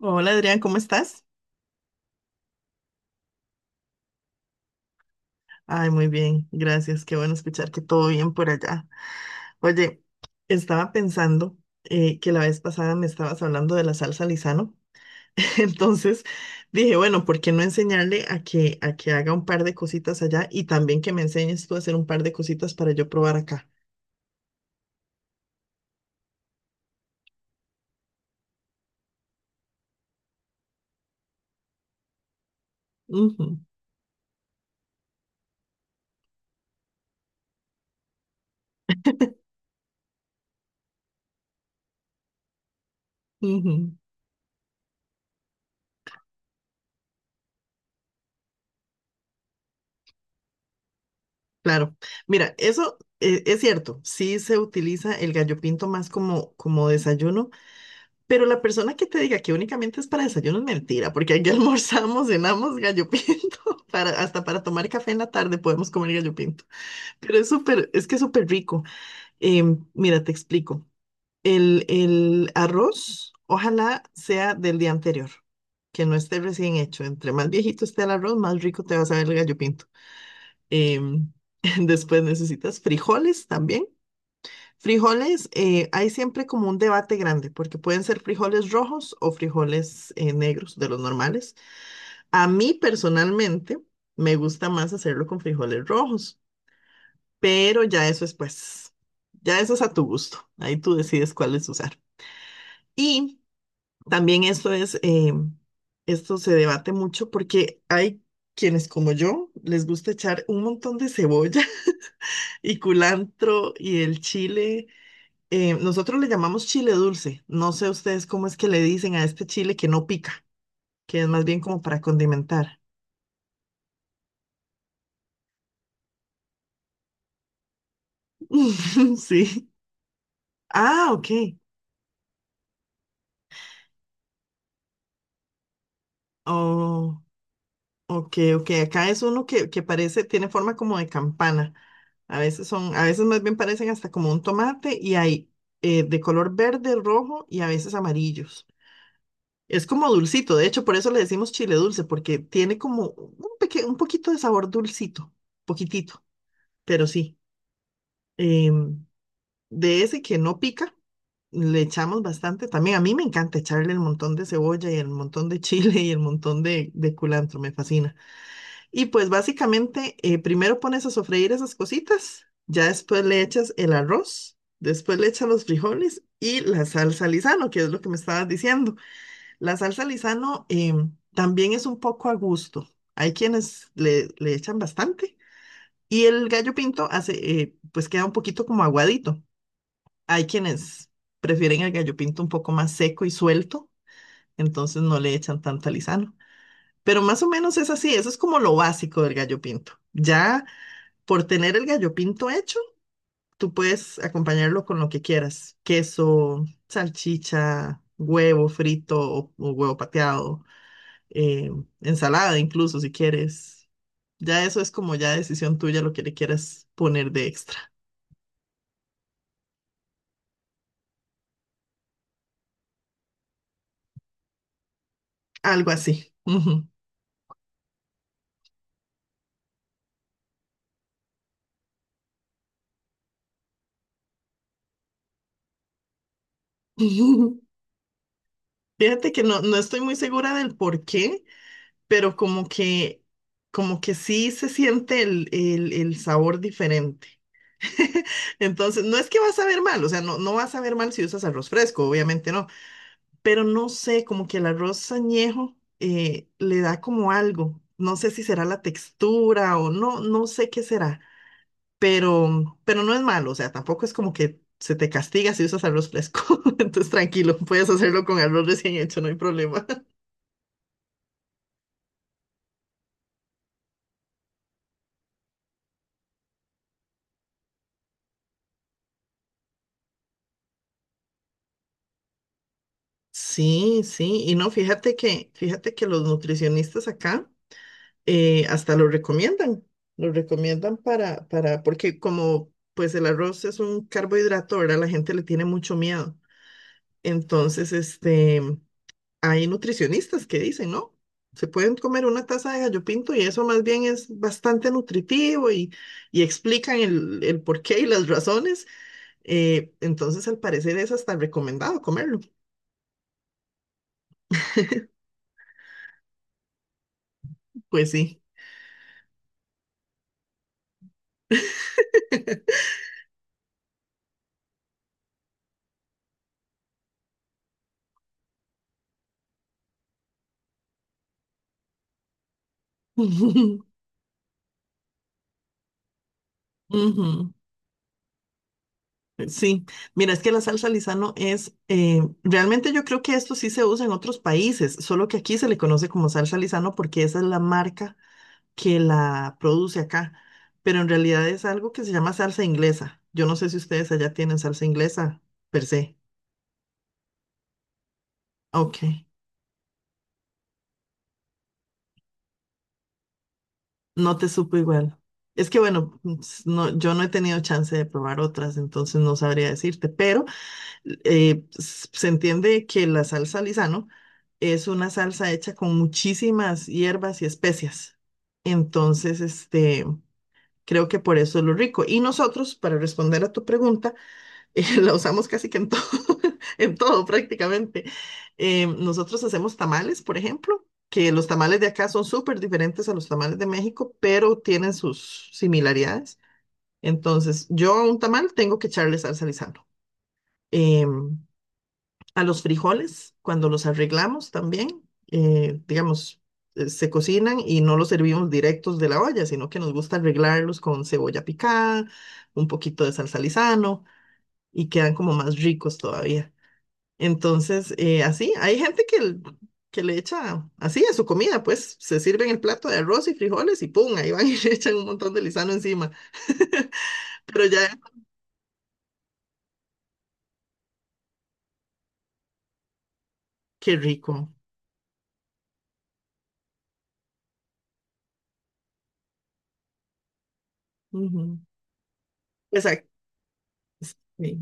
Hola Adrián, ¿cómo estás? Ay, muy bien, gracias. Qué bueno escuchar que todo bien por allá. Oye, estaba pensando que la vez pasada me estabas hablando de la salsa Lizano. Entonces dije, bueno, ¿por qué no enseñarle a que haga un par de cositas allá y también que me enseñes tú a hacer un par de cositas para yo probar acá? Ujú, ujú. Claro. Mira, eso es cierto. Sí se utiliza el gallo pinto más como desayuno. Pero la persona que te diga que únicamente es para desayuno es mentira, porque aquí almorzamos, cenamos gallo pinto, hasta para tomar café en la tarde podemos comer gallo pinto. Pero es es que es súper rico. Mira, te explico. El arroz, ojalá sea del día anterior, que no esté recién hecho. Entre más viejito esté el arroz, más rico te va a saber el gallo pinto. Em, Después necesitas frijoles también. Frijoles, hay siempre como un debate grande, porque pueden ser frijoles rojos o frijoles negros, de los normales. A mí personalmente me gusta más hacerlo con frijoles rojos, pero ya eso es ya eso es a tu gusto. Ahí tú decides cuáles usar. Y también esto es, esto se debate mucho porque hay quienes como yo les gusta echar un montón de cebolla y culantro y el chile. Nosotros le llamamos chile dulce. No sé ustedes cómo es que le dicen a este chile que no pica, que es más bien como para condimentar. Sí. Ah, ok. Oh, ok, ok. Acá es uno que parece, tiene forma como de campana. A veces más bien parecen hasta como un tomate y hay de color verde, rojo y a veces amarillos. Es como dulcito, de hecho, por eso le decimos chile dulce, porque tiene como un un poquito de sabor dulcito, poquitito, pero sí. Em, de ese que no pica, le echamos bastante. También a mí me encanta echarle el montón de cebolla y el montón de chile y el montón de culantro, me fascina. Y pues básicamente, primero pones a sofreír esas cositas, ya después le echas el arroz, después le echas los frijoles y la salsa Lizano, que es lo que me estabas diciendo. La salsa Lizano también es un poco a gusto. Hay quienes le echan bastante. Y el gallo pinto hace, pues queda un poquito como aguadito. Hay quienes prefieren el gallo pinto un poco más seco y suelto, entonces no le echan tanta lisano. Pero más o menos es así, eso es como lo básico del gallo pinto. Ya por tener el gallo pinto hecho, tú puedes acompañarlo con lo que quieras, queso, salchicha, huevo frito o huevo pateado, eh, ensalada incluso si quieres. Ya eso es como ya decisión tuya lo que le quieras poner de extra, algo así. Ujú. Fíjate que no, no estoy muy segura del por qué, pero como que sí se siente el sabor diferente. Entonces, no es que vas a ver mal, o sea, no, no vas a ver mal si usas arroz fresco, obviamente no, pero no sé, como que el arroz añejo le da como algo. No sé si será la textura o no, no sé qué será, pero no es malo, o sea, tampoco es como que se te castiga si usas arroz fresco. Entonces, tranquilo, puedes hacerlo con arroz recién hecho, no hay problema. Sí, sí, y no, fíjate fíjate que los nutricionistas acá hasta lo recomiendan para, porque como pues el arroz es un carbohidrato, ¿verdad? La gente le tiene mucho miedo. Entonces, este, hay nutricionistas que dicen, ¿no? Se pueden comer una taza de gallo pinto y eso más bien es bastante nutritivo y explican el porqué y las razones. Entonces, al parecer es hasta recomendado comerlo. Pues sí. Ujú. Sí, mira, es que la salsa Lizano realmente yo creo que esto sí se usa en otros países, solo que aquí se le conoce como salsa Lizano porque esa es la marca que la produce acá, pero en realidad es algo que se llama salsa inglesa. Yo no sé si ustedes allá tienen salsa inglesa per se. Ok, no te supo igual. Es que bueno, no, yo no he tenido chance de probar otras, entonces no sabría decirte, pero... se entiende que la salsa Lizano es una salsa hecha con muchísimas hierbas y especias. Entonces, este, creo que por eso es lo rico. Y nosotros, para responder a tu pregunta, la usamos casi que en todo, en todo prácticamente. Nosotros hacemos tamales, por ejemplo, que los tamales de acá son súper diferentes a los tamales de México, pero tienen sus similaridades. Entonces, yo a un tamal tengo que echarle salsa Lizano. Em, a los frijoles cuando los arreglamos también. Digamos, se cocinan y no los servimos directos de la olla, sino que nos gusta arreglarlos con cebolla picada, un poquito de salsa Lizano y quedan como más ricos todavía. Entonces, así, hay gente que le echa así a su comida, pues se sirven el plato de arroz y frijoles y ¡pum! Ahí van y le echan un montón de Lizano encima. Pero ya, qué rico. Ujú. Exacto. Sí,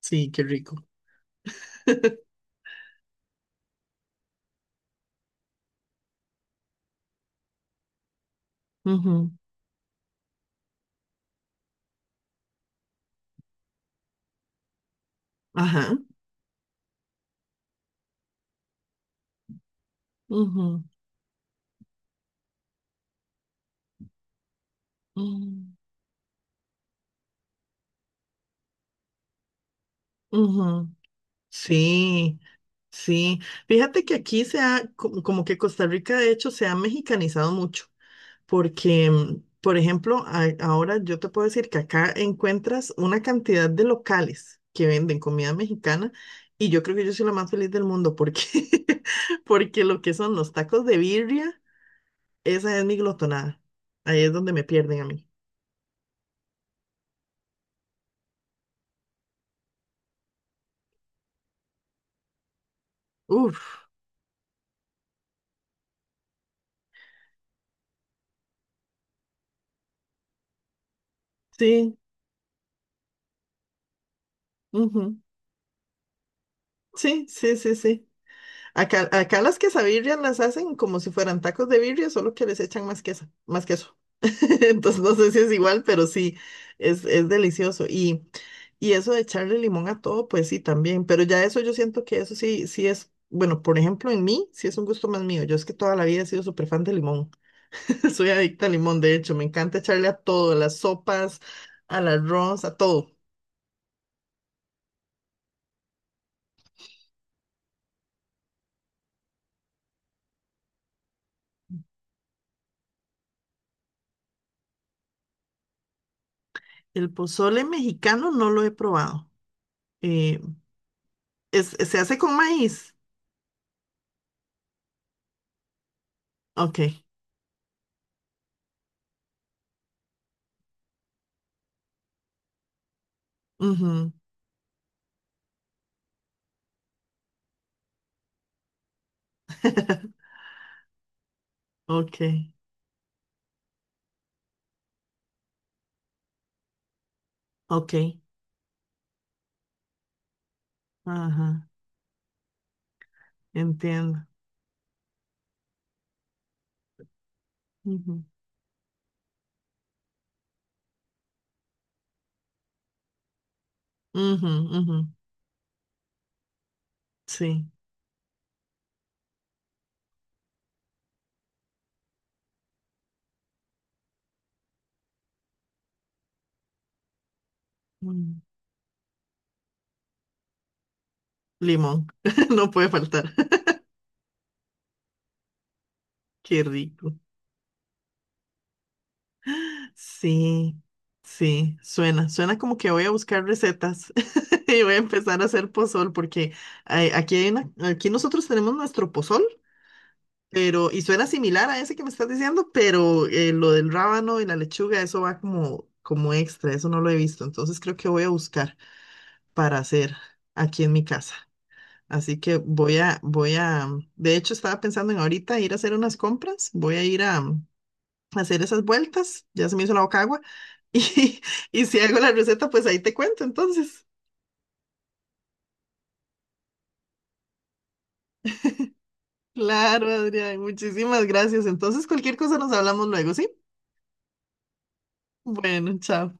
sí, qué rico. Ujú. Ajá. Ujú, mm, ujú. Sí, sí. Fíjate que aquí como que Costa Rica de hecho se ha mexicanizado mucho, porque, mm, por ejemplo, ahora yo te puedo decir que acá encuentras una cantidad de locales que venden comida mexicana y yo creo que yo soy la más feliz del mundo porque, porque lo que son los tacos de birria, esa es mi glotonada. Ahí es donde me pierden a mí. Uf, sí, ujú. Sí, sí, sí, sí. Acá, acá las quesabirrias las hacen como si fueran tacos de birria, solo que les echan más queso, más queso. Entonces no sé si es igual, pero sí, es delicioso. Y eso de echarle limón a todo, pues sí, también. Pero ya eso yo siento que eso sí, sí es, bueno, por ejemplo, en mí, sí es un gusto más mío. Yo es que toda la vida he sido súper fan de limón. Soy adicta al limón, de hecho, me encanta echarle a todo, a las sopas, al arroz, a todo. El pozole mexicano no lo he probado. Eh, Se hace con maíz. Ok. Ujú. Ok, ok, ajá, entiendo. Ujú, ujú, ujú. Sí, mm, limón, no puede faltar. Qué rico. Sí, sí, suena, suena como que voy a buscar recetas y voy a empezar a hacer pozol porque aquí hay aquí nosotros tenemos nuestro pozol, pero y suena similar a ese que me estás diciendo, pero lo del rábano y la lechuga, eso va como como extra, eso no lo he visto, entonces creo que voy a buscar. Para hacer aquí en mi casa. Así que voy a, de hecho estaba pensando en ahorita ir a hacer unas compras, voy a ir a hacer esas vueltas, ya se me hizo la boca agua, y, y si hago la receta, pues ahí te cuento entonces. Claro, Adrián, muchísimas gracias. Entonces, cualquier cosa nos hablamos luego, ¿sí? Bueno, chao.